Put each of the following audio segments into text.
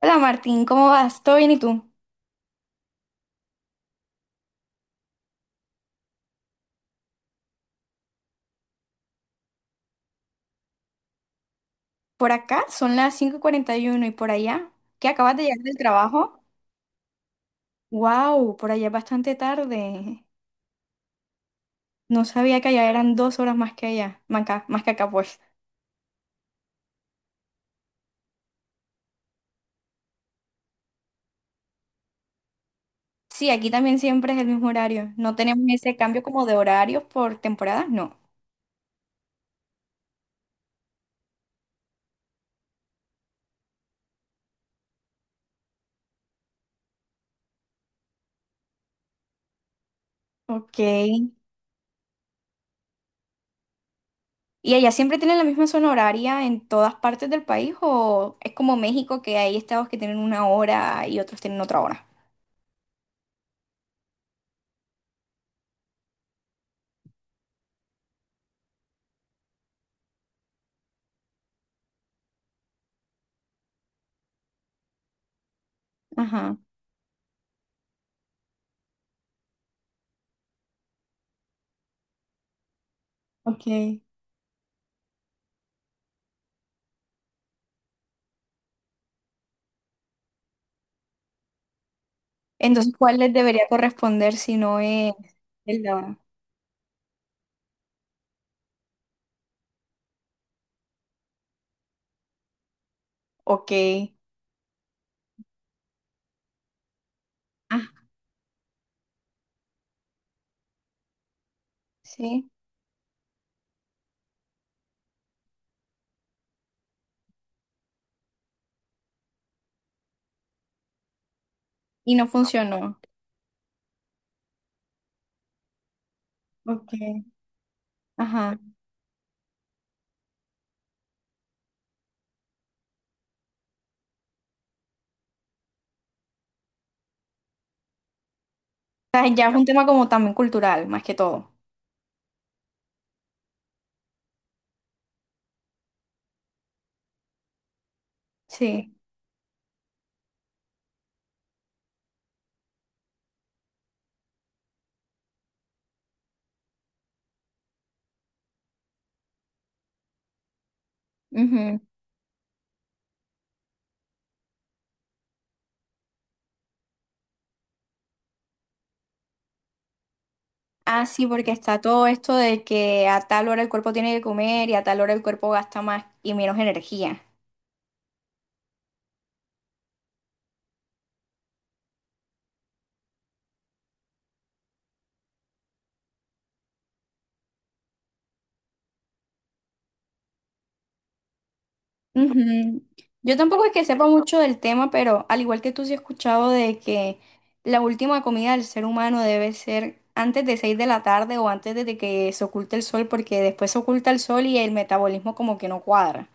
Hola Martín, ¿cómo vas? ¿Todo bien y tú? Por acá son las 5:41 y uno y por allá, ¿qué acabas de llegar del trabajo? ¡Wow! Por allá es bastante tarde. No sabía que allá eran 2 horas más que allá, más acá, más que acá, pues. Sí, aquí también siempre es el mismo horario. No tenemos ese cambio como de horarios por temporadas, no. Ok. ¿Y allá siempre tienen la misma zona horaria en todas partes del país o es como México que hay estados que tienen una hora y otros tienen otra hora? Ajá, ok. Entonces, ¿cuál les debería corresponder si no es el la- Ok. Ah, sí. Y no funcionó. Ok. Ajá. O sea, ya es un tema como también cultural, más que todo. Sí. Ujú. Ah, sí, porque está todo esto de que a tal hora el cuerpo tiene que comer y a tal hora el cuerpo gasta más y menos energía. Ujú. Yo tampoco es que sepa mucho del tema, pero al igual que tú sí he escuchado de que la última comida del ser humano debe ser antes de 6 de la tarde o antes de que se oculte el sol, porque después se oculta el sol y el metabolismo como que no cuadra.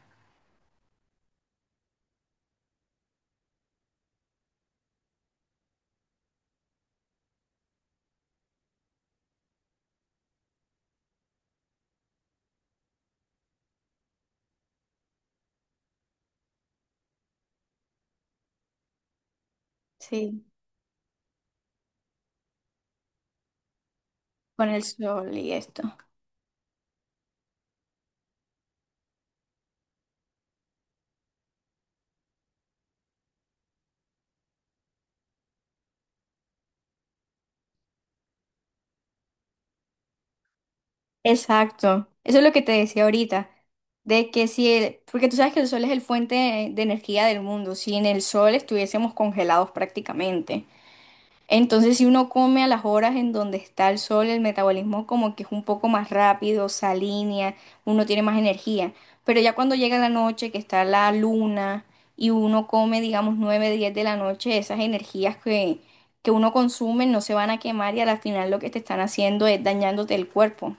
Sí, con el sol y esto. Exacto. Eso es lo que te decía ahorita, de que si el, porque tú sabes que el sol es el fuente de energía del mundo, si en el sol estuviésemos congelados prácticamente. Entonces, si uno come a las horas en donde está el sol, el metabolismo como que es un poco más rápido, se alinea, uno tiene más energía. Pero ya cuando llega la noche, que está la luna, y uno come, digamos, 9, 10 de la noche, esas energías que uno consume no se van a quemar y al final lo que te están haciendo es dañándote el cuerpo.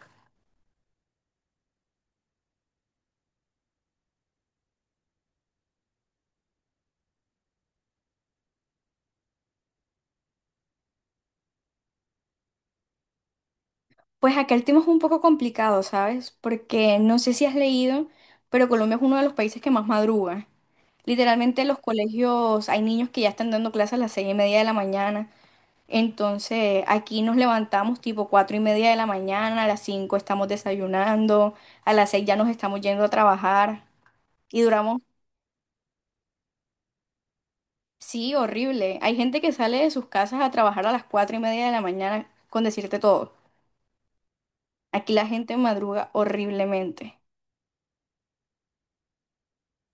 Pues acá el tema es un poco complicado, ¿sabes? Porque no sé si has leído, pero Colombia es uno de los países que más madruga. Literalmente los colegios hay niños que ya están dando clases a las 6:30 de la mañana. Entonces aquí nos levantamos tipo 4:30 de la mañana, a las 5 estamos desayunando, a las seis ya nos estamos yendo a trabajar y duramos, sí, horrible. Hay gente que sale de sus casas a trabajar a las 4:30 de la mañana, con decirte todo. Aquí la gente madruga horriblemente.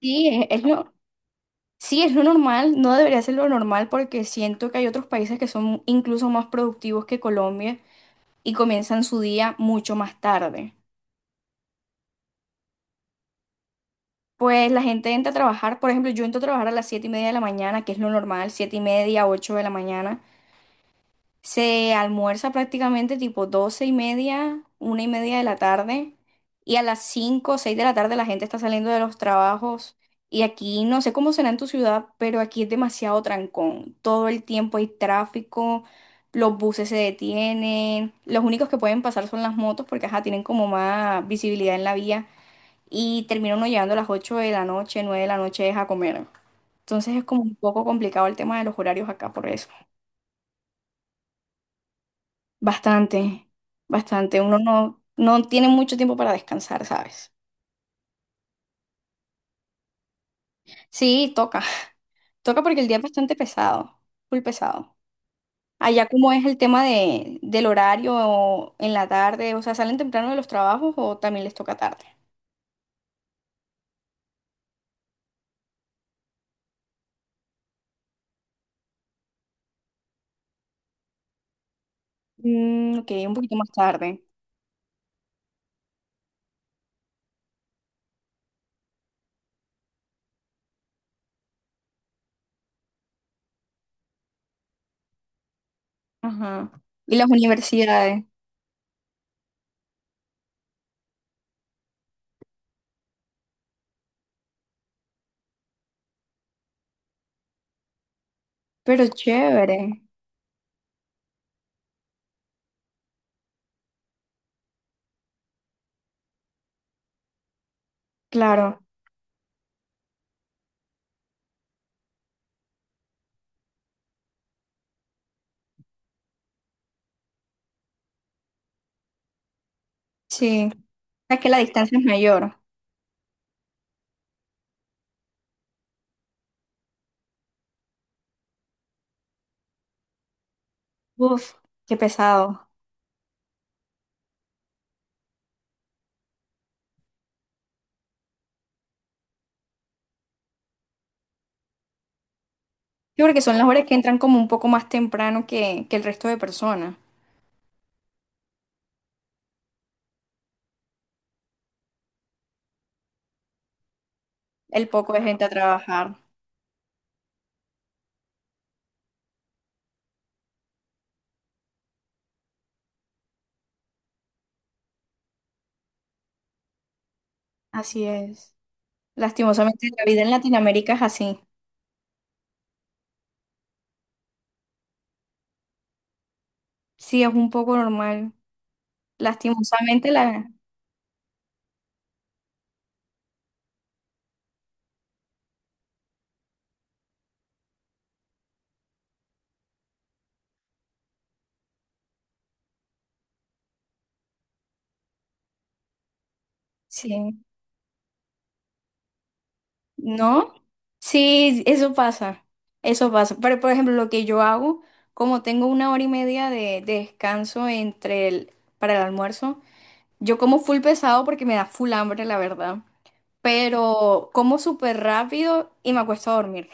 Sí, es, es lo, Sí, es lo normal. No debería ser lo normal porque siento que hay otros países que son incluso más productivos que Colombia y comienzan su día mucho más tarde. Pues la gente entra a trabajar, por ejemplo, yo entro a trabajar a las 7:30 de la mañana, que es lo normal, 7:30, 8 de la mañana. Se almuerza prácticamente tipo 12:30, 1:30 de la tarde, y a las cinco o 6 de la tarde la gente está saliendo de los trabajos. Y aquí, no sé cómo será en tu ciudad, pero aquí es demasiado trancón. Todo el tiempo hay tráfico, los buses se detienen, los únicos que pueden pasar son las motos porque, ajá, tienen como más visibilidad en la vía. Y termina uno llegando a las 8 de la noche, 9 de la noche es a comer. Entonces es como un poco complicado el tema de los horarios acá por eso. Bastante, bastante. Uno no tiene mucho tiempo para descansar, ¿sabes? Sí, toca. Toca porque el día es bastante pesado, muy pesado. Allá, ¿cómo es el tema de, del horario en la tarde? O sea, ¿salen temprano de los trabajos o también les toca tarde? Mm, ok, un poquito más tarde. Ajá. Y las universidades. Pero chévere. Claro, sí. Es que la distancia es mayor. Uf, qué pesado. Yo creo que son las horas que entran como un poco más temprano que el resto de personas. El poco de gente a trabajar. Así es. Lastimosamente la vida en Latinoamérica es así. Sí, es un poco normal. Lastimosamente la... Sí. ¿No? Sí, eso pasa. Eso pasa. Pero, por ejemplo, lo que yo hago, como tengo una hora y media de descanso para el almuerzo, yo como full pesado porque me da full hambre, la verdad. Pero como súper rápido y me acuesto a dormir.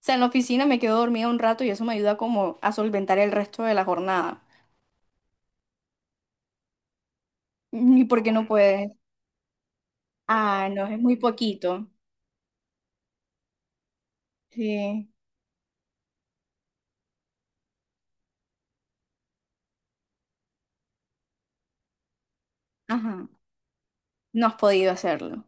O sea, en la oficina me quedo dormida un rato y eso me ayuda como a solventar el resto de la jornada. ¿Y por qué no puedes? Ah, no, es muy poquito. Sí. Ajá. No has podido hacerlo.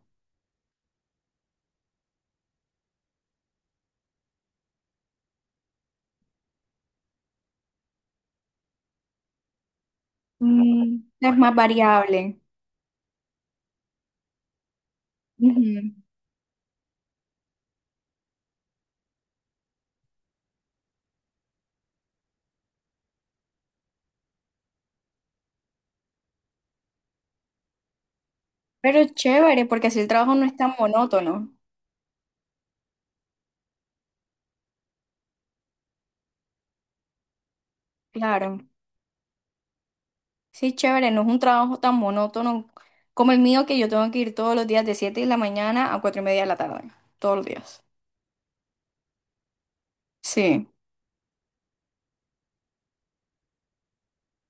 Mm, es más variable. Ujú. Pero es chévere, porque así el trabajo no es tan monótono. Claro. Sí, es chévere, no es un trabajo tan monótono como el mío, que yo tengo que ir todos los días de 7 de la mañana a 4:30 de la tarde. Todos los días. Sí.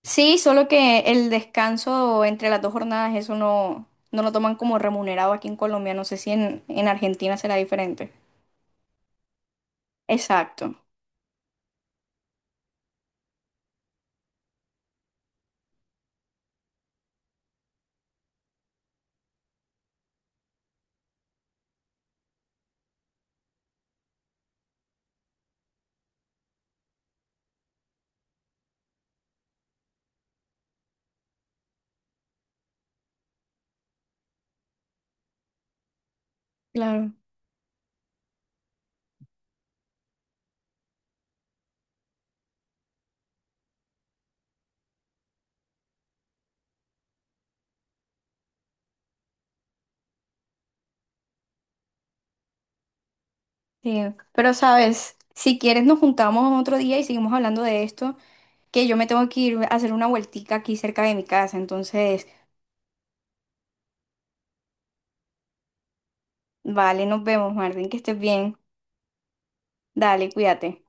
Sí, solo que el descanso entre las dos jornadas, eso no lo toman como remunerado aquí en Colombia. No sé si en Argentina será diferente. Exacto, claro. Sí. Pero sabes, si quieres nos juntamos otro día y seguimos hablando de esto, que yo me tengo que ir a hacer una vueltica aquí cerca de mi casa. Entonces, vale, nos vemos, Martín, que estés bien. Dale, cuídate.